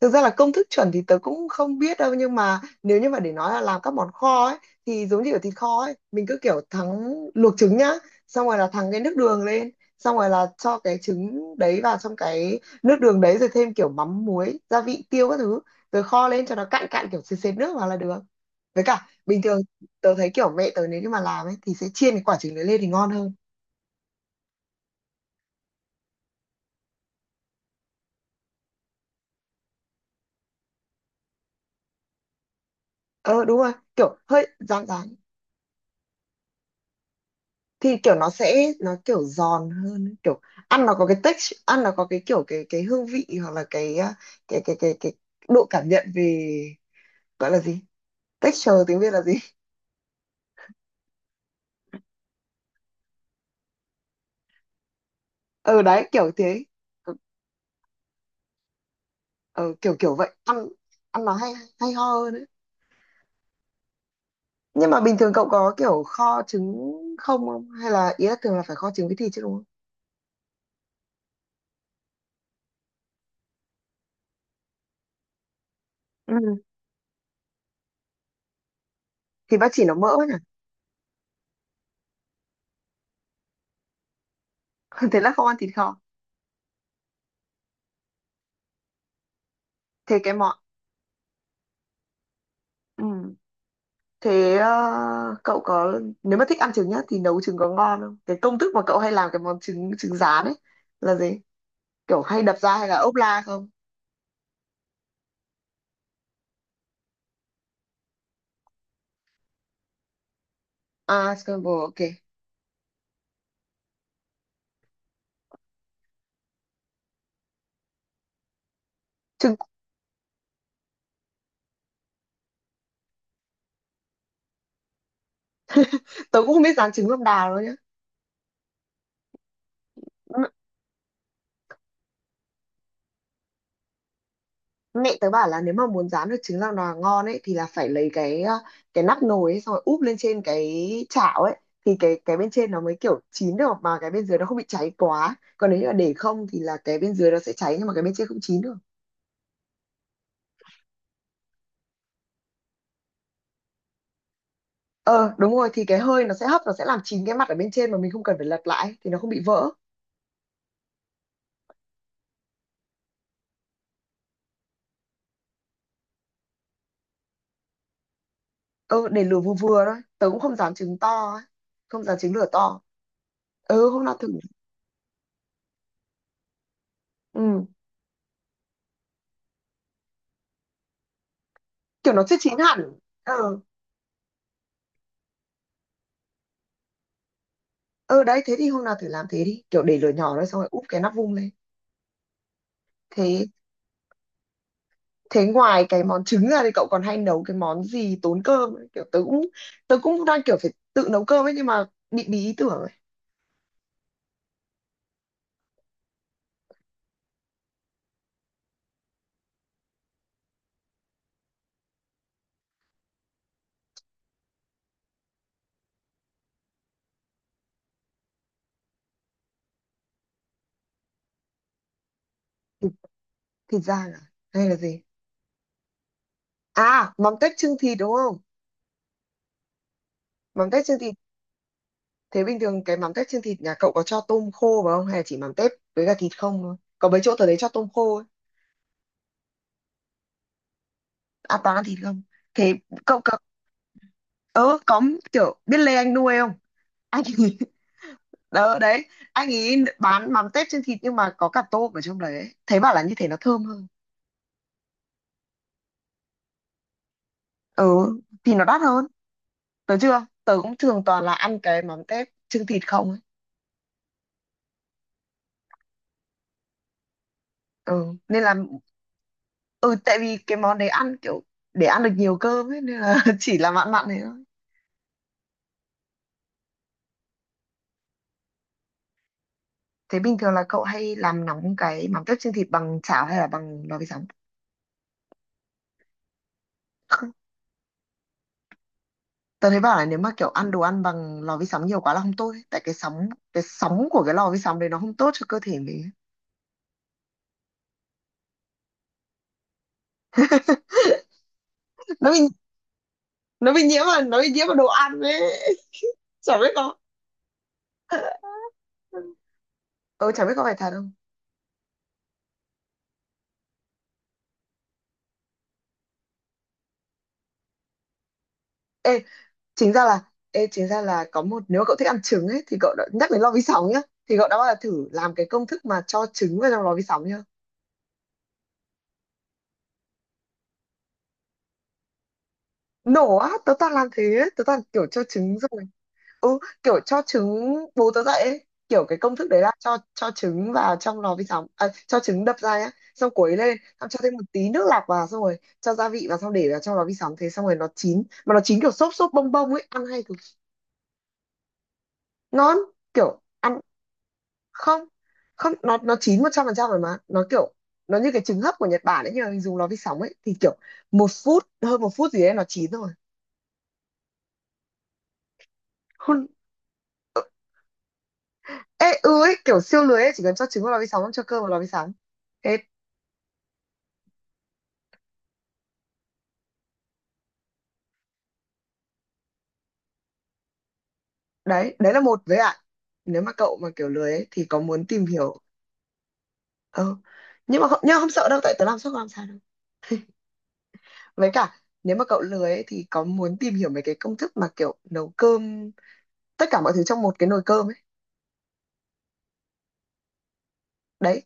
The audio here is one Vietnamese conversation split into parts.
Thực ra là công thức chuẩn thì tớ cũng không biết đâu, nhưng mà nếu như mà để nói là làm các món kho ấy thì giống như ở thịt kho ấy, mình cứ kiểu thắng, luộc trứng nhá, xong rồi là thắng cái nước đường lên, xong rồi là cho cái trứng đấy vào trong cái nước đường đấy, rồi thêm kiểu mắm muối gia vị tiêu các thứ, rồi kho lên cho nó cạn cạn kiểu sệt sệt nước vào là được. Với cả bình thường tớ thấy kiểu mẹ tớ nếu như mà làm ấy thì sẽ chiên cái quả trứng đấy lên thì ngon hơn. Ờ đúng rồi, kiểu hơi rán rán thì kiểu nó sẽ nó kiểu giòn hơn ấy, kiểu ăn nó có cái texture, ăn nó có cái kiểu cái hương vị, hoặc là cái à, cái cái độ cảm nhận về, gọi là gì, texture tiếng Việt là gì? Ừ, đấy kiểu thế. Ừ, ừ, kiểu kiểu vậy. Ăn ăn nó hay hay ho hơn đấy. Nhưng mà bình thường cậu có kiểu kho trứng không không, hay là ý là thường là phải kho trứng với thịt chứ, đúng không? Ừ, thì bác chỉ nó mỡ nhỉ. Thế là không ăn thịt kho. Thế cái món, ừ. Thế cậu có, nếu mà thích ăn trứng nhá, thì nấu trứng có ngon không? Cái công thức mà cậu hay làm cái món trứng trứng rán ấy là gì? Kiểu hay đập ra hay là ốp la không? À, scramble ok. Trứng Tớ cũng không biết rán trứng lòng đào đâu nhá. M- Mẹ tớ bảo là nếu mà muốn rán được trứng lòng đào ngon ấy thì là phải lấy cái nắp nồi ấy, xong rồi úp lên trên cái chảo ấy, thì cái bên trên nó mới kiểu chín được, mà cái bên dưới nó không bị cháy quá. Còn nếu như là để không thì là cái bên dưới nó sẽ cháy nhưng mà cái bên trên không chín được. Ờ đúng rồi, thì cái hơi nó sẽ hấp, nó sẽ làm chín cái mặt ở bên trên mà mình không cần phải lật lại thì nó không bị vỡ. Ờ, để lửa vừa vừa thôi, tớ cũng không dám trứng to ấy. Không dám trứng lửa to. Ừ, hôm nào thử. Ừ, kiểu nó chưa chín hẳn. Ờ. Ờ, đấy, thế thì hôm nào thử làm thế đi, kiểu để lửa nhỏ thôi xong rồi úp cái nắp vung lên. Thế thế ngoài cái món trứng ra thì cậu còn hay nấu cái món gì tốn cơm ấy? Kiểu tớ cũng đang kiểu phải tự nấu cơm ấy nhưng mà bị bí ý tưởng ấy. Thịt, thịt rang à, hay là gì? À, mắm tép chưng thịt đúng không? Mắm tép chưng thịt. Thế bình thường cái mắm tép trên thịt nhà cậu có cho tôm khô vào không? Hay là chỉ mắm tép với cả thịt không thôi? Có mấy chỗ tớ thấy cho tôm khô ấy. À toàn ăn thịt không? Thế cậu có kiểu biết Lê Anh Nuôi không? Anh ấy, đấy, anh ấy bán mắm tép trên thịt nhưng mà có cả tôm ở trong đấy ấy. Thế bảo là như thế nó thơm hơn. Ừ, thì nó đắt hơn. Tớ chưa? Tớ cũng thường toàn là ăn cái mắm tép trên thịt không ấy. Ừ, nên là, ừ, tại vì cái món đấy ăn kiểu để ăn được nhiều cơm ấy, nên là chỉ là mặn mặn thế thôi. Thế bình thường là cậu hay làm nóng cái mắm tép chiên thịt bằng chảo hay là bằng lò vi sóng? Không, tớ thấy bảo là nếu mà kiểu ăn đồ ăn bằng lò vi sóng nhiều quá là không tốt ấy. Tại cái sóng của cái lò vi sóng đấy nó không tốt cho cơ thể mình ấy. Nó bị nó bị nhiễm vào đồ ăn ấy. Chả biết có. Ừ, chả biết có phải thật không. Ê, chính ra là chính ra là có một, nếu mà cậu thích ăn trứng ấy thì cậu đã nhắc đến lò vi sóng nhá. Thì cậu đã bao giờ thử làm cái công thức mà cho trứng vào trong lò vi sóng nhá, nổ á, tớ toàn làm thế ấy. Tớ toàn kiểu cho trứng rồi, ừ, kiểu cho trứng bú tớ dậy ấy. Kiểu cái công thức đấy là cho trứng vào trong lò vi sóng à, cho trứng đập ra nhá, xong quấy lên, xong cho thêm một tí nước lạc vào, xong rồi cho gia vị vào, xong để vào trong lò vi sóng thế, xong rồi nó chín, mà nó chín kiểu xốp xốp bông bông ấy, ăn hay cực. Ngon. Kiểu ăn, không, không, nó chín một trăm phần trăm rồi, mà nó kiểu nó như cái trứng hấp của Nhật Bản ấy nhưng mà mình dùng lò vi sóng ấy, thì kiểu một phút, hơn một phút gì đấy nó chín rồi. Hun- Ê, ừ ấy, kiểu siêu lười ấy, chỉ cần cho trứng vào lò vi sóng, cho cơm vào lò vi sóng thế. Đấy đấy là một với ạ, nếu mà cậu mà kiểu lười ấy thì có muốn tìm hiểu. Ờ, nhưng mà không sợ đâu, tại tớ làm suốt làm sao đâu. Với cả nếu mà cậu lười ấy thì có muốn tìm hiểu mấy cái công thức mà kiểu nấu cơm tất cả mọi thứ trong một cái nồi cơm ấy. Đấy.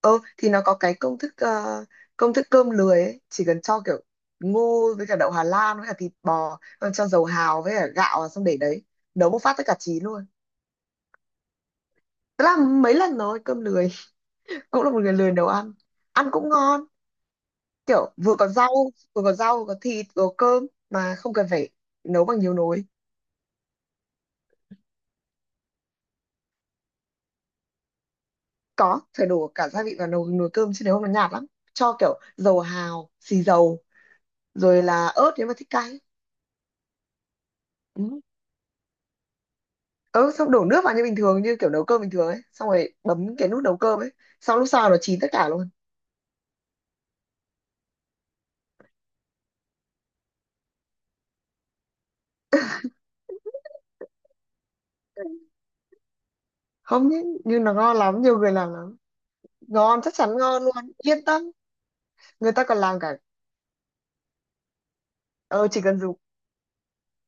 Ờ, thì nó có cái công thức công thức cơm lười ấy, chỉ cần cho kiểu ngô với cả đậu Hà Lan với cả thịt bò, xong cho dầu hào với cả gạo vào, xong để đấy nấu một phát tất cả chín luôn. Tớ làm mấy lần rồi cơm lười. Cũng là một người lười nấu ăn, ăn cũng ngon, kiểu vừa có rau, vừa có thịt vừa có cơm mà không cần phải nấu bằng nhiều nồi. Có phải đổ cả gia vị vào nồi nồi cơm chứ, nếu không nó nhạt lắm, cho kiểu dầu hào, xì dầu, rồi là ớt nếu mà thích cay. Ừ. Ừ, xong đổ nước vào như bình thường, như kiểu nấu cơm bình thường ấy, xong rồi bấm cái nút nấu cơm ấy, xong lúc sau nó chín tất cả luôn. Không nhé, nhưng nó ngon lắm, nhiều người làm lắm. Ngon, chắc chắn ngon luôn, yên tâm. Người ta còn làm cả. Ờ, chỉ cần dùng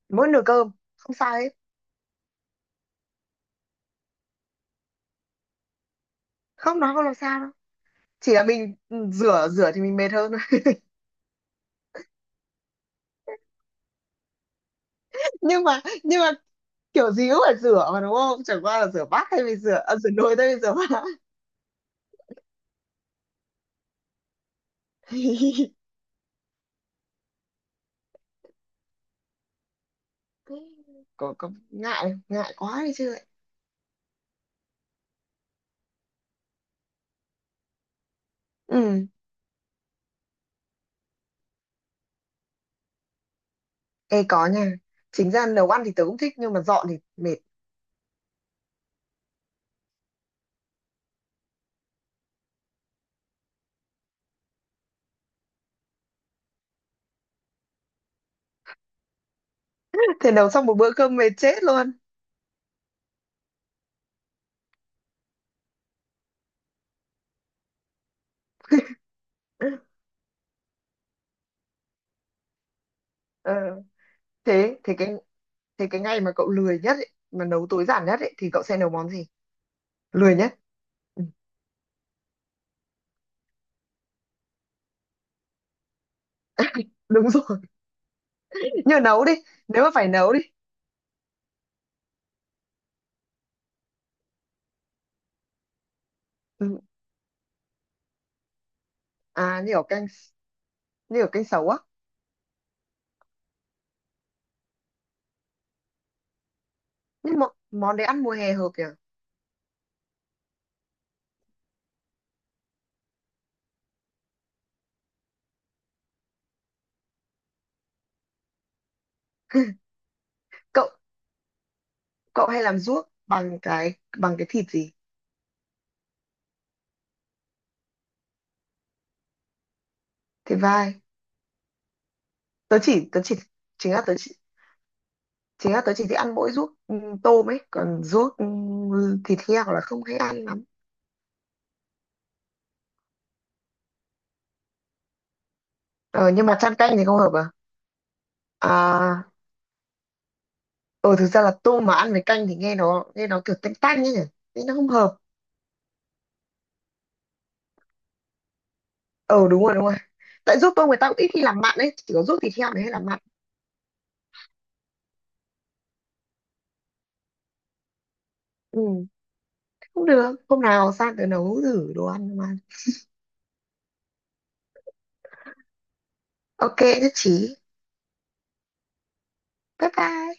mỗi nồi cơm. Không, sai hết, không, nó không làm sao đâu. Chỉ là mình, ừ, rửa rửa thì mình mệt hơn thôi. Nhưng mà kiểu gì cũng phải rửa mà đúng không, chẳng qua là rửa bát, thay vì rửa nồi thay vì rửa bát. Có ngại ngại quá đi chứ lại. Ừ, ê có nha, chính ra nấu ăn thì tớ cũng thích nhưng mà dọn thì mệt. Thế nấu xong một bữa cơm mệt chết luôn. Ờ, thế, thế cái ngày mà cậu lười nhất ấy, mà nấu tối giản nhất ấy, thì cậu sẽ nấu món gì? Lười nhất, ừ, đúng rồi. Như nấu đi, nếu mà phải nấu đi. Ừ. À như kiểu canh, như ở canh sấu á. Nhưng mà món đấy ăn mùa hè hợp nhỉ. Cậu Cậu hay làm ruốc bằng cái thịt gì? Thịt vai. Tớ chỉ chính là tớ chỉ Chính là tớ chỉ thích ăn mỗi ruốc, ừ, tôm ấy, còn ruốc, ừ, thịt heo là không hay ăn lắm. Ờ, nhưng mà chan canh thì không hợp à? À. Ờ, thực ra là tôm mà ăn với canh thì nghe nó kiểu tanh tanh ấy nhỉ, nên nó không hợp. Ờ đúng rồi, đúng rồi, tại ruốc tôm người ta cũng ít khi làm mặn ấy, chỉ có ruốc thịt heo mới hay làm mặn. Ừ, không được, hôm nào sang tớ nấu thử đồ ăn mà. Ok, nhất trí. Bye bye.